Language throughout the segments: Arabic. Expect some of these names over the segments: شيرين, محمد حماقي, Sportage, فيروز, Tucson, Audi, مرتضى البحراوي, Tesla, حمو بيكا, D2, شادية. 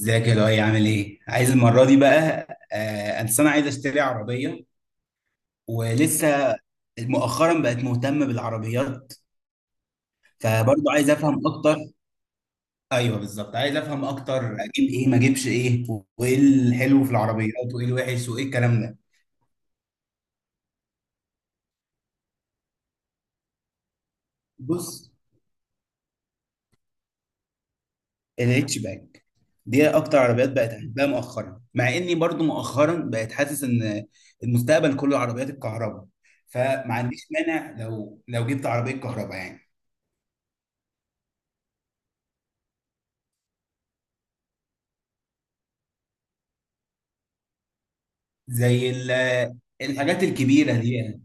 ازيك يا لؤي، عامل ايه؟ عايز المرة دي بقى. آه، أصل أنا عايز أشتري عربية ولسه. مؤخرا بقت مهتمة بالعربيات، فبرضه عايز أفهم أكتر. أيوه بالظبط، عايز أفهم أكتر أجيب إيه ما أجيبش إيه، وإيه الحلو في العربيات وإيه الوحش وإيه الكلام ده. بص، الاتش باك دي أكتر عربيات بقت أحبها مؤخرا، مع إني برضه مؤخرا بقت حاسس إن المستقبل كله عربيات الكهرباء، فما عنديش مانع لو جبت عربية كهرباء يعني. زي ال- الحاجات الكبيرة دي أنا.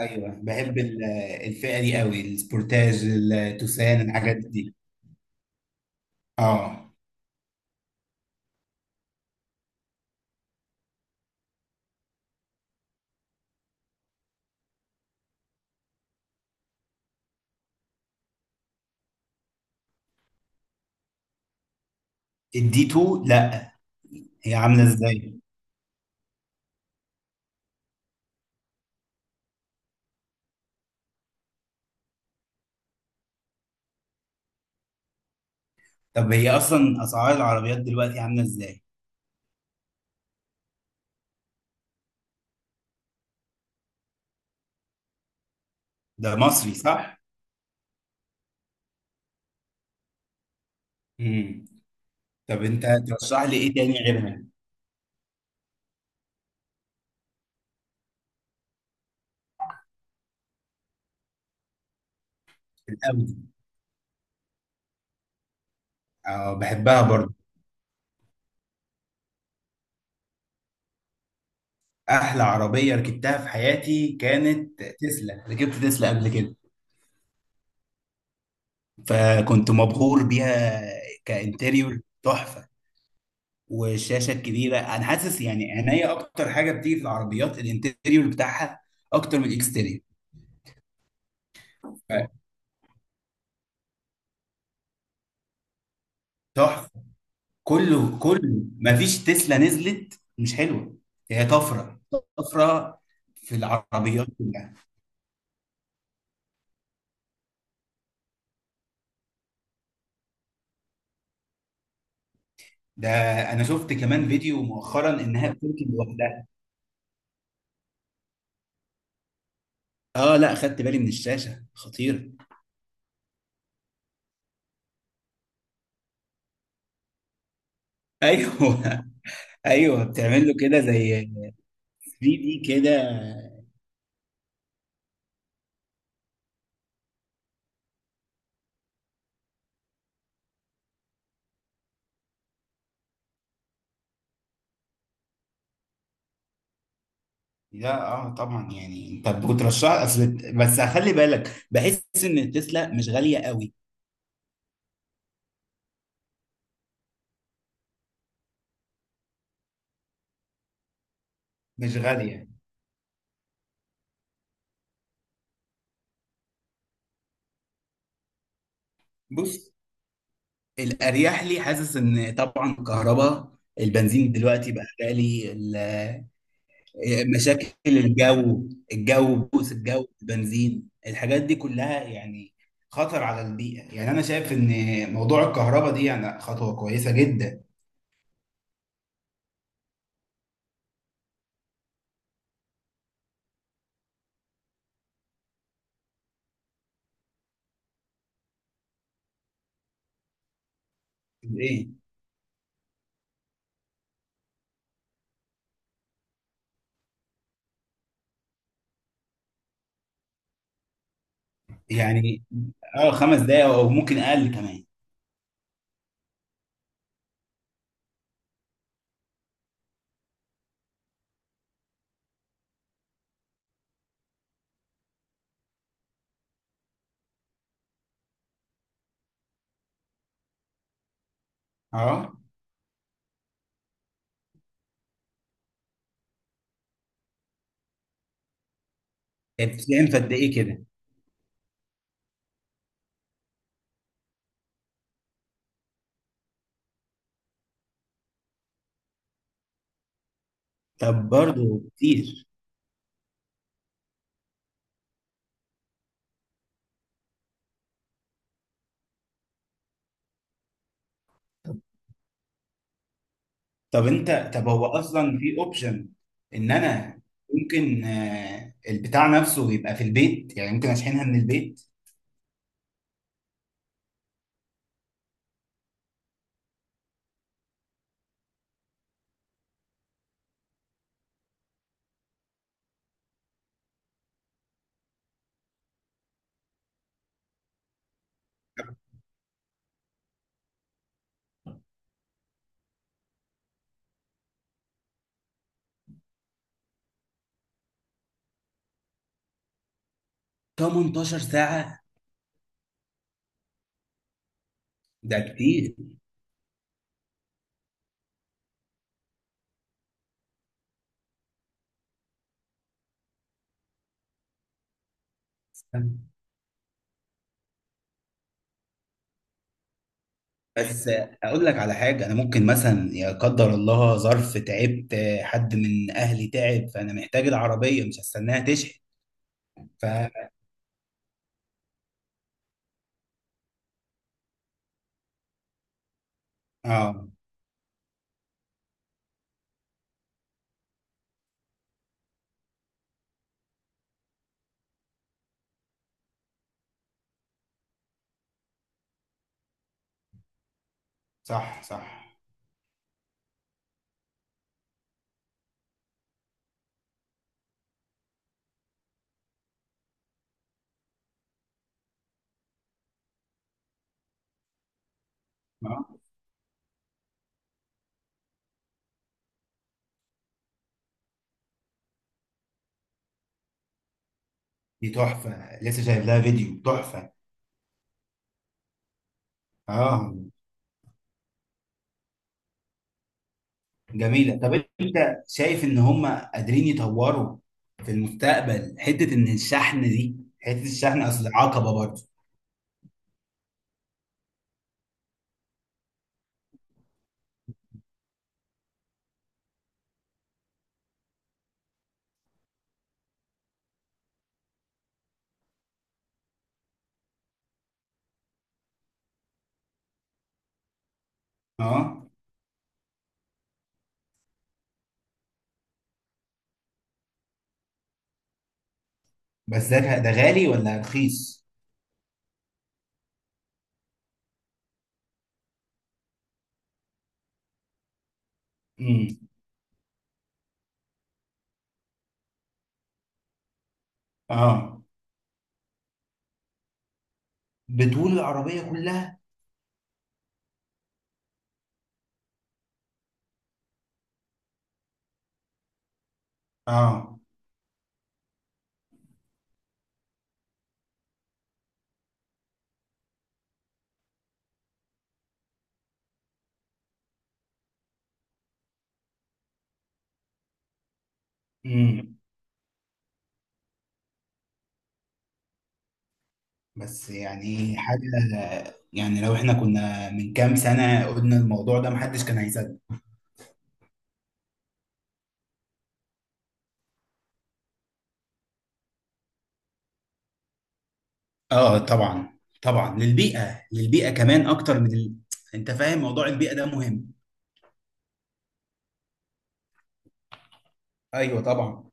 أيوه بحب الفئة دي قوي، السبورتاج التوسان الحاجات دي. اه، الدي 2، لا هي عاملة ازاي؟ طب هي أصلا أسعار العربيات دلوقتي عاملة ازاي؟ ده مصري صح؟ امم. طب أنت ترشح لي إيه تاني غيرها؟ الأودي، اه بحبها برضه. أحلى عربية ركبتها في حياتي كانت تسلا، ركبت تسلا قبل كده فكنت مبهور بيها. كانتريور تحفة، والشاشه الكبيره، انا حاسس يعني عينيا اكتر حاجه بتيجي في العربيات الانتيريور بتاعها اكتر من الاكستيريور. تحفه، كله كله مفيش تسلا نزلت مش حلوه. هي طفره، طفره في العربيات كلها. ده انا شفت كمان فيديو مؤخرا انها بتركب لوحدها. اه لا، خدت بالي من الشاشه، خطيره. ايوه ايوه بتعمل له كده زي 3 دي كده. لا اه طبعا، يعني انت بترشح اصل، بس خلي بالك، بحس ان التسلا مش غاليه قوي. مش غاليه. بص، الاريح لي حاسس ان طبعا كهرباء. البنزين دلوقتي بقى غالي. مشاكل الجو، الجو بوس الجو البنزين الحاجات دي كلها يعني، خطر على البيئه. يعني انا شايف ان موضوع الكهرباء دي يعني خطوه كويسه جدا. ايه؟ يعني اه 5 دقايق او ممكن اقل كمان. اه، بتتكلم في قد ايه كده؟ طب برضه كتير. طب طب هو اصلا في اوبشن ان انا ممكن، البتاع نفسه يبقى في البيت، يعني ممكن اشحنها من البيت. 18 ساعة؟ ده كتير. بس اقول لك على حاجة، انا ممكن مثلا يا قدر الله ظرف تعبت، حد من اهلي تعب، فانا محتاج العربية مش هستناها تشحن. ف اه صح صح. آه. دي تحفة، لسه شايف لها فيديو تحفة. اه جميلة. طب انت شايف ان هم قادرين يطوروا في المستقبل، حتة ان الشحن دي حتة الشحن اصل عقبة برضه؟ اه بس ده غالي ولا رخيص؟ امم. اه، بطول العربية كلها. اه، امم، بس يعني حاجة، يعني لو احنا كنا من كام سنة قلنا الموضوع ده محدش كان هيصدق. اه طبعا طبعا، للبيئة للبيئة كمان اكتر من ال... انت فاهم موضوع البيئة ده مهم. ايوه طبعا.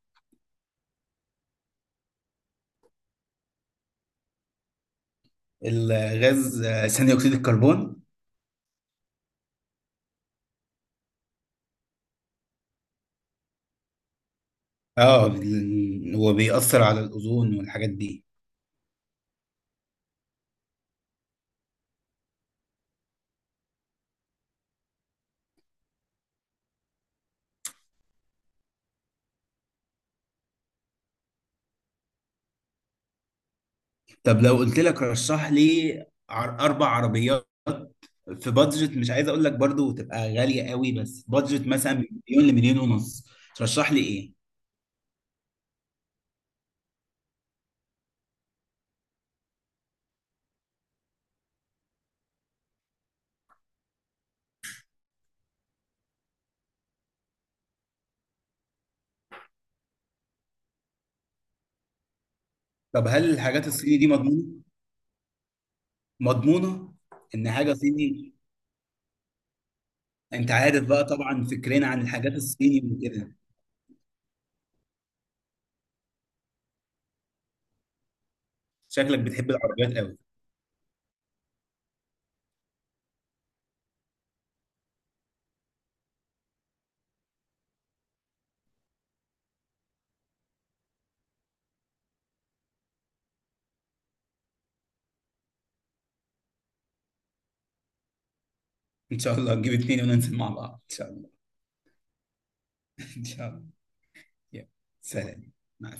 الغاز، ثاني اكسيد الكربون. اه، هو بيأثر على الاوزون والحاجات دي. طب لو قلت لك رشح لي اربع عربيات في بادجت، مش عايز اقول لك برضو تبقى غالية قوي، بس بادجت مثلا من مليون لمليون ونص. ترشح لي ايه؟ طب هل الحاجات الصيني دي مضمونة؟ مضمونة. ان حاجة صيني، انت عارف بقى طبعا فكرنا عن الحاجات الصيني وكده. شكلك بتحب العربيات قوي. ان شاء الله نجيب اتنين وننزل مع بعض ان شاء الله. ان شاء الله. يلا. سلام